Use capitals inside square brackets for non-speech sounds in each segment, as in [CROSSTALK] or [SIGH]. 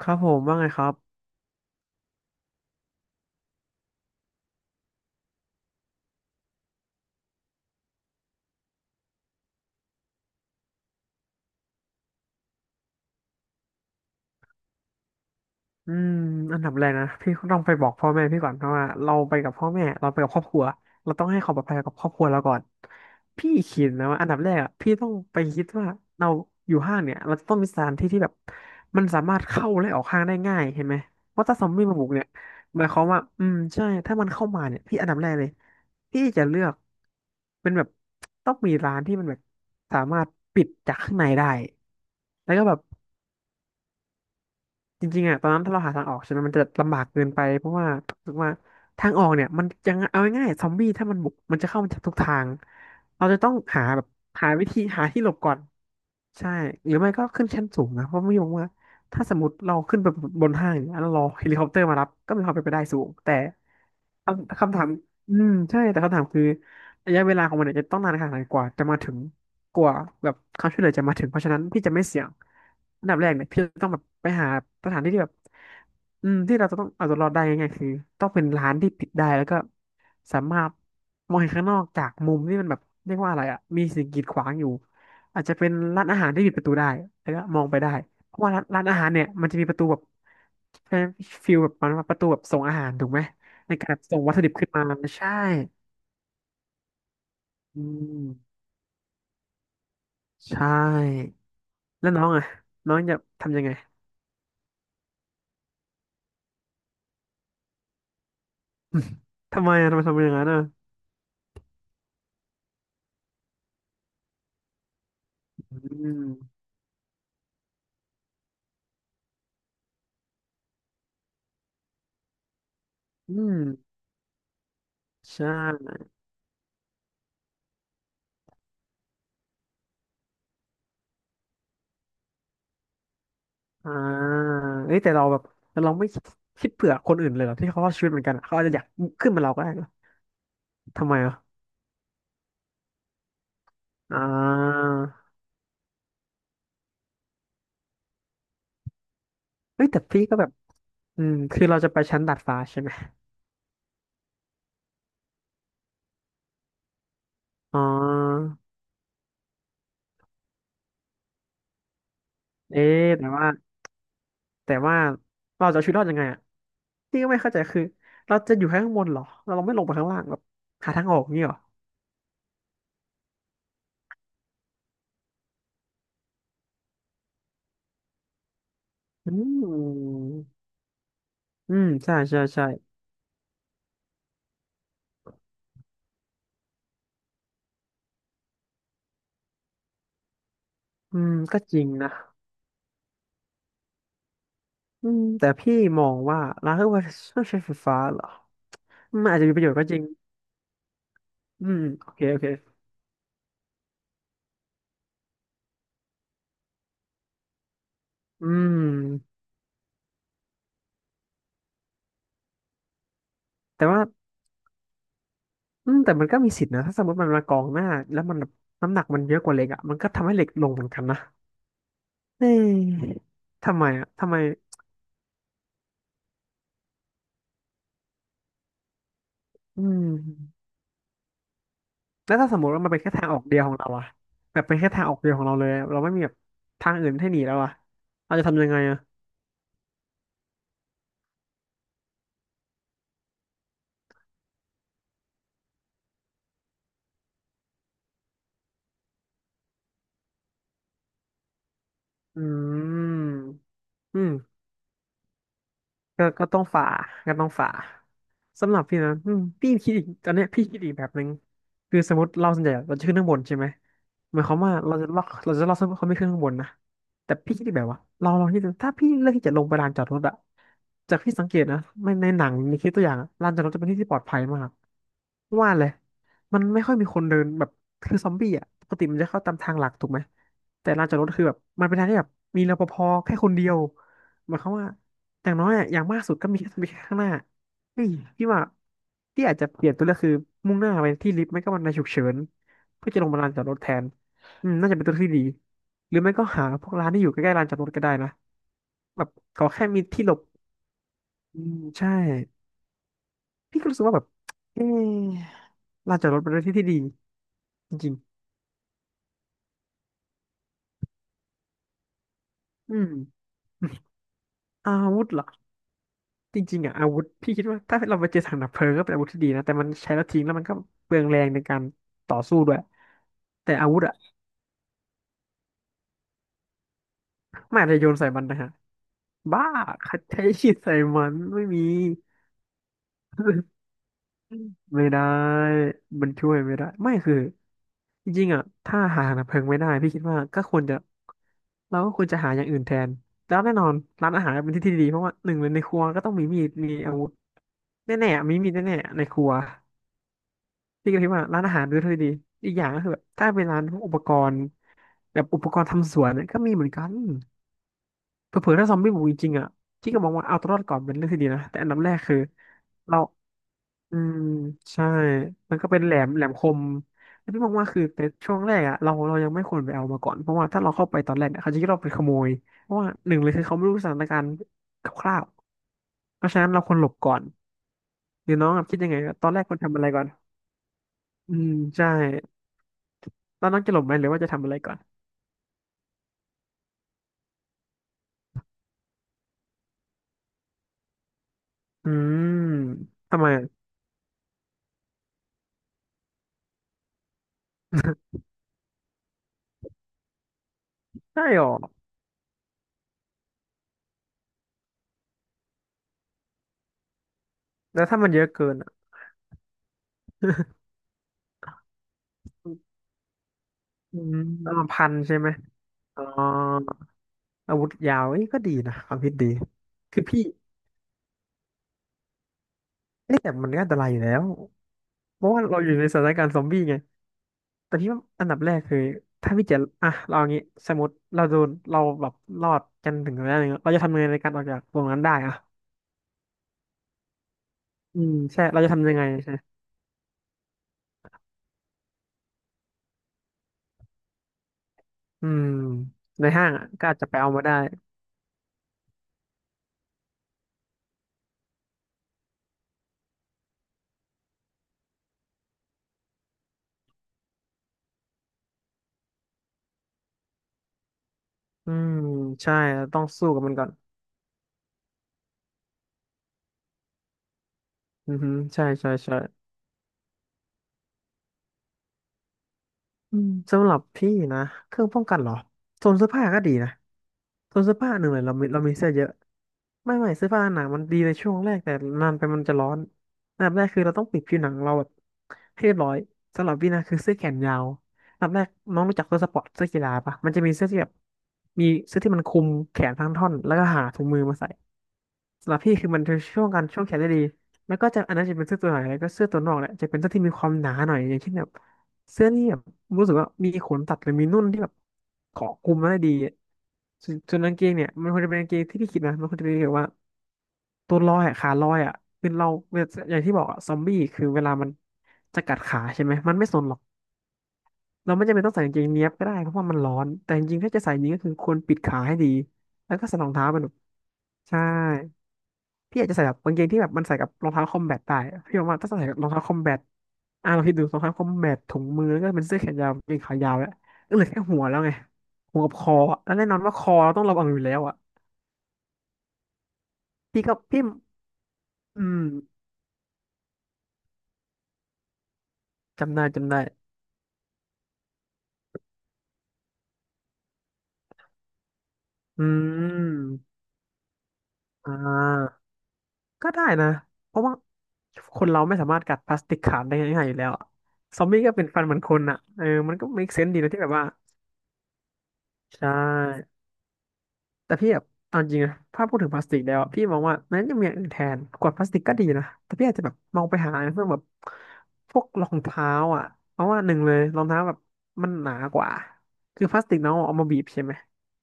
ครับผมว่าไงครับอืมอันดับแรกนะพี่ต้องไปบอกพ่อแม่พี่ก่อนเพราะว่าเราไปกับพ่อแม่เราไปกับครอบครัวเราต้องให้ความปลอดภัยกับครอบครัวเราก่อนพี่คิดนะว่าอันดับแรกอะพี่ต้องไปคิดว่าเราอยู่ห้างเนี่ยเราจะต้องมีสถานที่ที่แบบมันสามารถเข้าและออกห้างได้ง่ายเห็นไหมว่าะถ้าซอมบี้มาบุกเนี่ยหมายความว่าใช่ถ้ามันเข้ามาเนี่ยพี่อันดับแรกเลยพี่จะเลือกเป็นแบบต้องมีร้านที่มันแบบสามารถปิดจากข้างในได้แล้วก็แบบ จริงๆอ่ะตอนนั้นถ้าเราหาทางออกใช่ไหมมันจะลำบากเกินไปเพราะว่าถึงว่าทางออกเนี่ยมันยังเอาง่ายๆซอมบี้ถ้ามันบุกมันจะเข้ามาจากทุกทางเราจะต้องหาแบบหาวิธีหาที่หลบก่อนใช่หรือไม่ก็ขึ้นชั้นสูงนะเพราะไม่รอ้ว่าถ้าสมมติเราขึ้นไปบนห้างเนี่ยแล้วรอเฮลิคอปเตอร์มารับก็มีความเป็นไปได้สูงแต่คำถามใช่แต่คำถามคือ ระยะเวลาของมันเนี่ยจะต้องนานขนาดไหนกว่าจะมาถึงกว่าแบบความช่วยเหลือจะมาถึงเพราะฉะนั้นพี่จะไม่เสี่ยงอันดับแรกเนี่ยพี่จะต้องแบบไปหาสถานที่ที่แบบที่เราจะต้องเอาตัวรอดได้ง่ายๆคือต้องเป็นร้านที่ปิดได้แล้วก็สามารถมองเห็นข้างนอกจากมุมที่มันแบบเรียกว่าอะไรอ่ะมีสิ่งกีดขวางอยู่อาจจะเป็นร้านอาหารที่ปิดประตูได้แล้วก็มองไปได้เพราะว่าร้านอาหารเนี่ยมันจะมีประตูแบบฟิลแบบประตูแบบส่งอาหารถูกไหมในการส่งวัตถุดิบขึ้นมาใช่อืม ใช่แล้วน้องอ่ะน้องจะทำยังไง [LAUGHS] ทำไมอ่ะทำไมทำอย่างนั้นอ่ะอืมอืมใช่อ่าเอ้ยแต่เราแบบแต่เราไม่คิดเผื่อคนอื่นเลยเหรอที่เขารอดชีวิตเหมือนกันอะเขาอาจจะอยากขึ้นมาเราก็ได้เหรอทำไมอ่ะอ่าเอ้ยแต่พี่ก็แบบคือเราจะไปชั้นดาดฟ้าใช่ไหมอ๋อเอ๊ะแต่ว่าเราจะเอาชีวิตรอดยังไงอ่ะพี่ก็ไม่เข้าใจคือเราจะอยู่แค่ข้างบนเหรอเราไม่ลงไปข้างล่างแบบหาทางออกนี่หรออืม อืมใช่ใช่ใช่ก็จริงนะแต่พี่มองว่าร้านเครื่องใช้ไฟฟ้าเหรออืมันอาจจะมีประโยชน์ก็จริงอืมโอเคโอเคอืมแต่ว่าแต่มันก็มีสิทธินะถ้าสมมติมันมากองหน้าแล้วมันแบบน้ำหนักมันเยอะกว่าเหล็กอ่ะมันก็ทำให้เหล็กลงเหมือนกันนะเอ๊ะทำไมอ่ะทำไมอืมแล้วถ้าสมมติว่ามันเป็นแค่ทางออกเดียวของเราอะแบบเป็นแค่ทางออกเดียวของเราเลยอะเราไม่มีแบบทางอื่นให้หนีแล้วอะเราจะทำยังไงอะอืมอืม ก็ต้องฝ่าก็ต้องฝ่าสำหรับพี่นะอืมพี่คิดอีกตอนเนี้ยพี่คิดอีกแบบหนึ่งคือสมมติเราส่วนใหญ่เราจะขึ้นข้างบนใช่ไหมหมายความว่าเราจะล็อกเซิร์ฟเวอร์เขาไม่ขึ้นข้างบนนะแต่พี่คิดอีกแบบว่าเราลองคิดดูถ้าพี่เลือกที่จะลงไปลานจอดรถอะจากที่สังเกตนะไม่ในหนังในคลิปตัวอย่างอะลานจอดรถจะเป็นที่ที่ปลอดภัยมากว่าเลยมันไม่ค่อยมีคนเดินแบบคือซอมบี้อะปกติมันจะเข้าตามทางหลักถูกไหมแต่ลานจอดรถคือแบบมันเป็นทางที่แบบมีรปภแค่คนเดียวหมายความว่า อย่างน้อยอะอย่างมากสุดก็มีแค่ข้างหน้าเฮ้ยพี่ว่าพี่อาจจะเปลี่ยนตัวเลือกคือมุ่งหน้าไปที่ลิฟต์ไม่ก็บันไดฉุกเฉินเพื่อจะลงมาลานจอดรถแทน อืมน่าจะเป็นตัวเลือกที่ดีหรือไม่ก็หาพวกร้านที่อยู่ใกล้ๆลานจอดรถก็ได้นะแบบขอแค่มีที่หลบอืมใช่พี่ก็รู้สึกว่าแบบเออลานจอดรถเป็นเื่อที่ที่ดีจริงๆอาวุธเหรอจริงๆอ่ะอาวุธพี่คิดว่าถ้าเราไปเจอถังดับเพลิงก็เป็นอาวุธที่ดีนะแต่มันใช้แล้วทิ้งแล้วมันก็เปลืองแรงในการต่อสู้ด้วยแต่อาวุธอ่ะ ไม่อาจจะโยนใส่มันนะฮะบ้าใคัดใช้ชีดใส่มันไม่มีไม่ได้มันช่วยไม่ได้ไม่คือจริงๆอ่ะถ้าหาดับเพลิงไม่ได้พี่คิดว่าก็ควรจะเราก็ควรจะหาอย่างอื่นแทนแล้วแน่นอนร้านอาหารเป็นที่ที่ดีเพราะว่าหนึ่งเลยในครัวก็ต้องมีมีดมีอาวุธแน่ๆมีมีดแน่ๆในครัวพี่ก็คิดว่าร้านอาหารด้วยที่ดีอีกอย่างก็คือแบบถ้าเป็นร้านพวกอุปกรณ์แบบอุปกรณ์ทำสวนเนี่ยก็มีเหมือนกัน เผื่อๆถ้าซอมบี้บุกจริงๆอ่ะพี่ก็มองว่าเอาตัวรอดก่อนเป็นเรื่องที่ดีนะแต่อันดับแรกคือเราอืมใช่มันก็เป็นแหลมแหลมคมแล้วพี่มองว่าคือในช่วงแรกอ่ะเรายังไม่ควรไปเอามาก่อนเพราะว่าถ้าเราเข้าไปตอนแรกเนี่ยเขาจะคิดเราเป็นขโมยเพราะว่าหนึ่งเลยคือเขาไม่รู้สถานการณ์คร่าวๆเพราะฉะนั้นเราควรหลบก่อนหรือน้องอะคิดยังไงตอนแรกควรทำอะไรก่อนอืมใช่แล้วน้องจะหลบไหมหรือว่าจะทำอะไรก่อนอืมทำไมอะใช่หรอแล้วถ้ามันเยอะเกินอ่ะ [LAUGHS] อืมประมาณพันใช่ไหม อ๋ออาวุธยาวเอ้ยก็ดีนะความคิดดีคือพี่เอ๊ะแต่มันก็อันตรายอยู่แล้วเพราะว่าเราอยู่ในสถานการณ์ซอมบี้ไงแต่พี่ว่าอันดับแรกคือถ้าพี่จะอ่ะเราอย่างงี้สมมติเราโดนเราแบบรอดกันถึงระยะหนึงเราจะทำยังไงในการออกจากตรงนั้นได้อ่ะอืมใช่เราจะทำยังไงใช่อืมในห้างอ่ะก็อาจจะไปเอามาได้อืมใช่เราต้องสู้กับมันก่อนอือฮึใช่ใช่ใช่ อืมสำหรับพี่นะเครื่องป้องกันเหรอโซนเสื้อผ้าก็ดีนะโซนเสื้อผ้าหนึ่งเลยเรามีเสื้อเยอะไม่เสื้อผ้าหนามันดีในช่วงแรกแต่นานไปมันจะร้อนอันดับแรกคือเราต้องปิดผิวหนังเราแบบให้เรียบร้อยสำหรับพี่นะคือเสื้อแขนยาวอันดับแรกน้องรู้จักเสื้อสปอร์ตเสื้อกีฬาปะมันจะมีเสื้อที่แบบมีเสื้อที่มันคลุมแขนทั้งท่อนแล้วก็หาถุงมือมาใส่ สำหรับพี่คือมันจะช่วงการช่วงแขนได้ดีแล้วก็จะอันนั้นจะเป็นเสื้อตัวไหนแล้วก็เสื้อตัวนอกแหละจะเป็นเสื้อที่มีความหนาหน่อยอย่างเช่นแบบเสื้อนี่แบบรู้สึกว่ามีขนตัดหรือมีนุ่นที่แบบเกาะกลุมมาได้ดีอะส่วนกางเกงเนี่ยมันควรจะเป็นกางเกงที่พี่คิดนะมันควรจะเป็นแบบว่าตัวลอยอะขาลอยอะคือเราอย่างที่บอกอะซอมบี้คือเวลามันจะกัดขาใช่ไหมมันไม่สนหรอกเราไม่จำเป็นต้องใส่กางเกงเนี้ยบก็ได้เพราะว่ามันร้อนแต่จริงๆถ้าจะใส่จริงก็คือควรปิดขาให้ดีแล้วก็ใส่รองเท้าเป็นแบบใช่ พี่อาจจะใส่แบบกางเกงที่แบบมันใส่กับรองเท้าคอมแบทได้พี่บอกว่าถ้าใส่กับรองเท้าคอมแบทอ่ะลองคิดดูรองเท้าคอมแบทถุงมือแล้วก็เป็นเสื้อแขนยาวกางเกงขายาวแล้วก็เหลือแค่หัวแล้วไงหัวกับคออะแล้วแน่นอนว่าคอเราต้องระวังอยู่แล้วอ่ะพี่อืมจำได้จำได้อืมอ่าก็ได้นะเพราะว่าคนเราไม่สามารถกัดพลาสติกขาดได้ง่ายๆอยู่แล้วอะซอมบี้ก็เป็นฟันเหมือนคนอ่ะเออมันก็ make sense ดีนะที่แบบว่าใช่ แต่พี่แบบเอาจริงนะถ้าพูดถึงพลาสติกแล้วอะพี่มองว่ามันยังมีอย่างอื่นแทนขวดพลาสติกก็ดีนะแต่พี่อาจจะแบบมองไปหาเพื่อแบบพวกรองเท้าอ่ะเพราะว่าหนึ่งเลยรองเท้าแบบมันหนากว่าคือพลาสติกน้องเอามาบีบใช่ไหม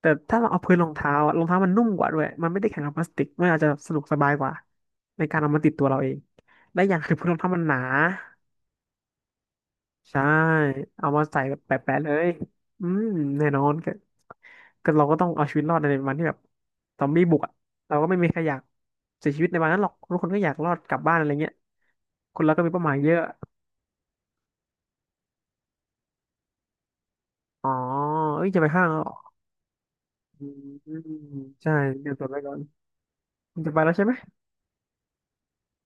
แต่ถ้าเราเอาพื้นรองเท้าอะรองเท้ามันนุ่มกว่าด้วยมันไม่ได้แข็งกับพลาสติกมันอาจจะสะดวกสบายกว่าในการเอามาติดตัวเราเองและอย่างคือพื้นรองเท้ามันหนา ใช่ เอามาใส่แบบแปะๆเลยอืมแน่นอนก็เราก็ต้องเอาชีวิตรอดในวันที่แบบซอมบี้บุกอ่ะเราก็ไม่มีใครอยากเสียชีวิตในวันนั้นหรอกทุกคนก็อยากรอดกลับบ้านอะไรเงี้ยคนเราก็มีเป้าหมายเยอะอ๋อ เอ้ยจะไปห้างแล้วเหรออืมใช่เตรียมตัวไว้ก่อนคุณจะไปแล้วใช่ไหม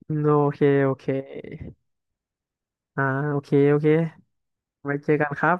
อืมโอเคโอเคอ่าโอเคโอเคไว้เจอกันครับ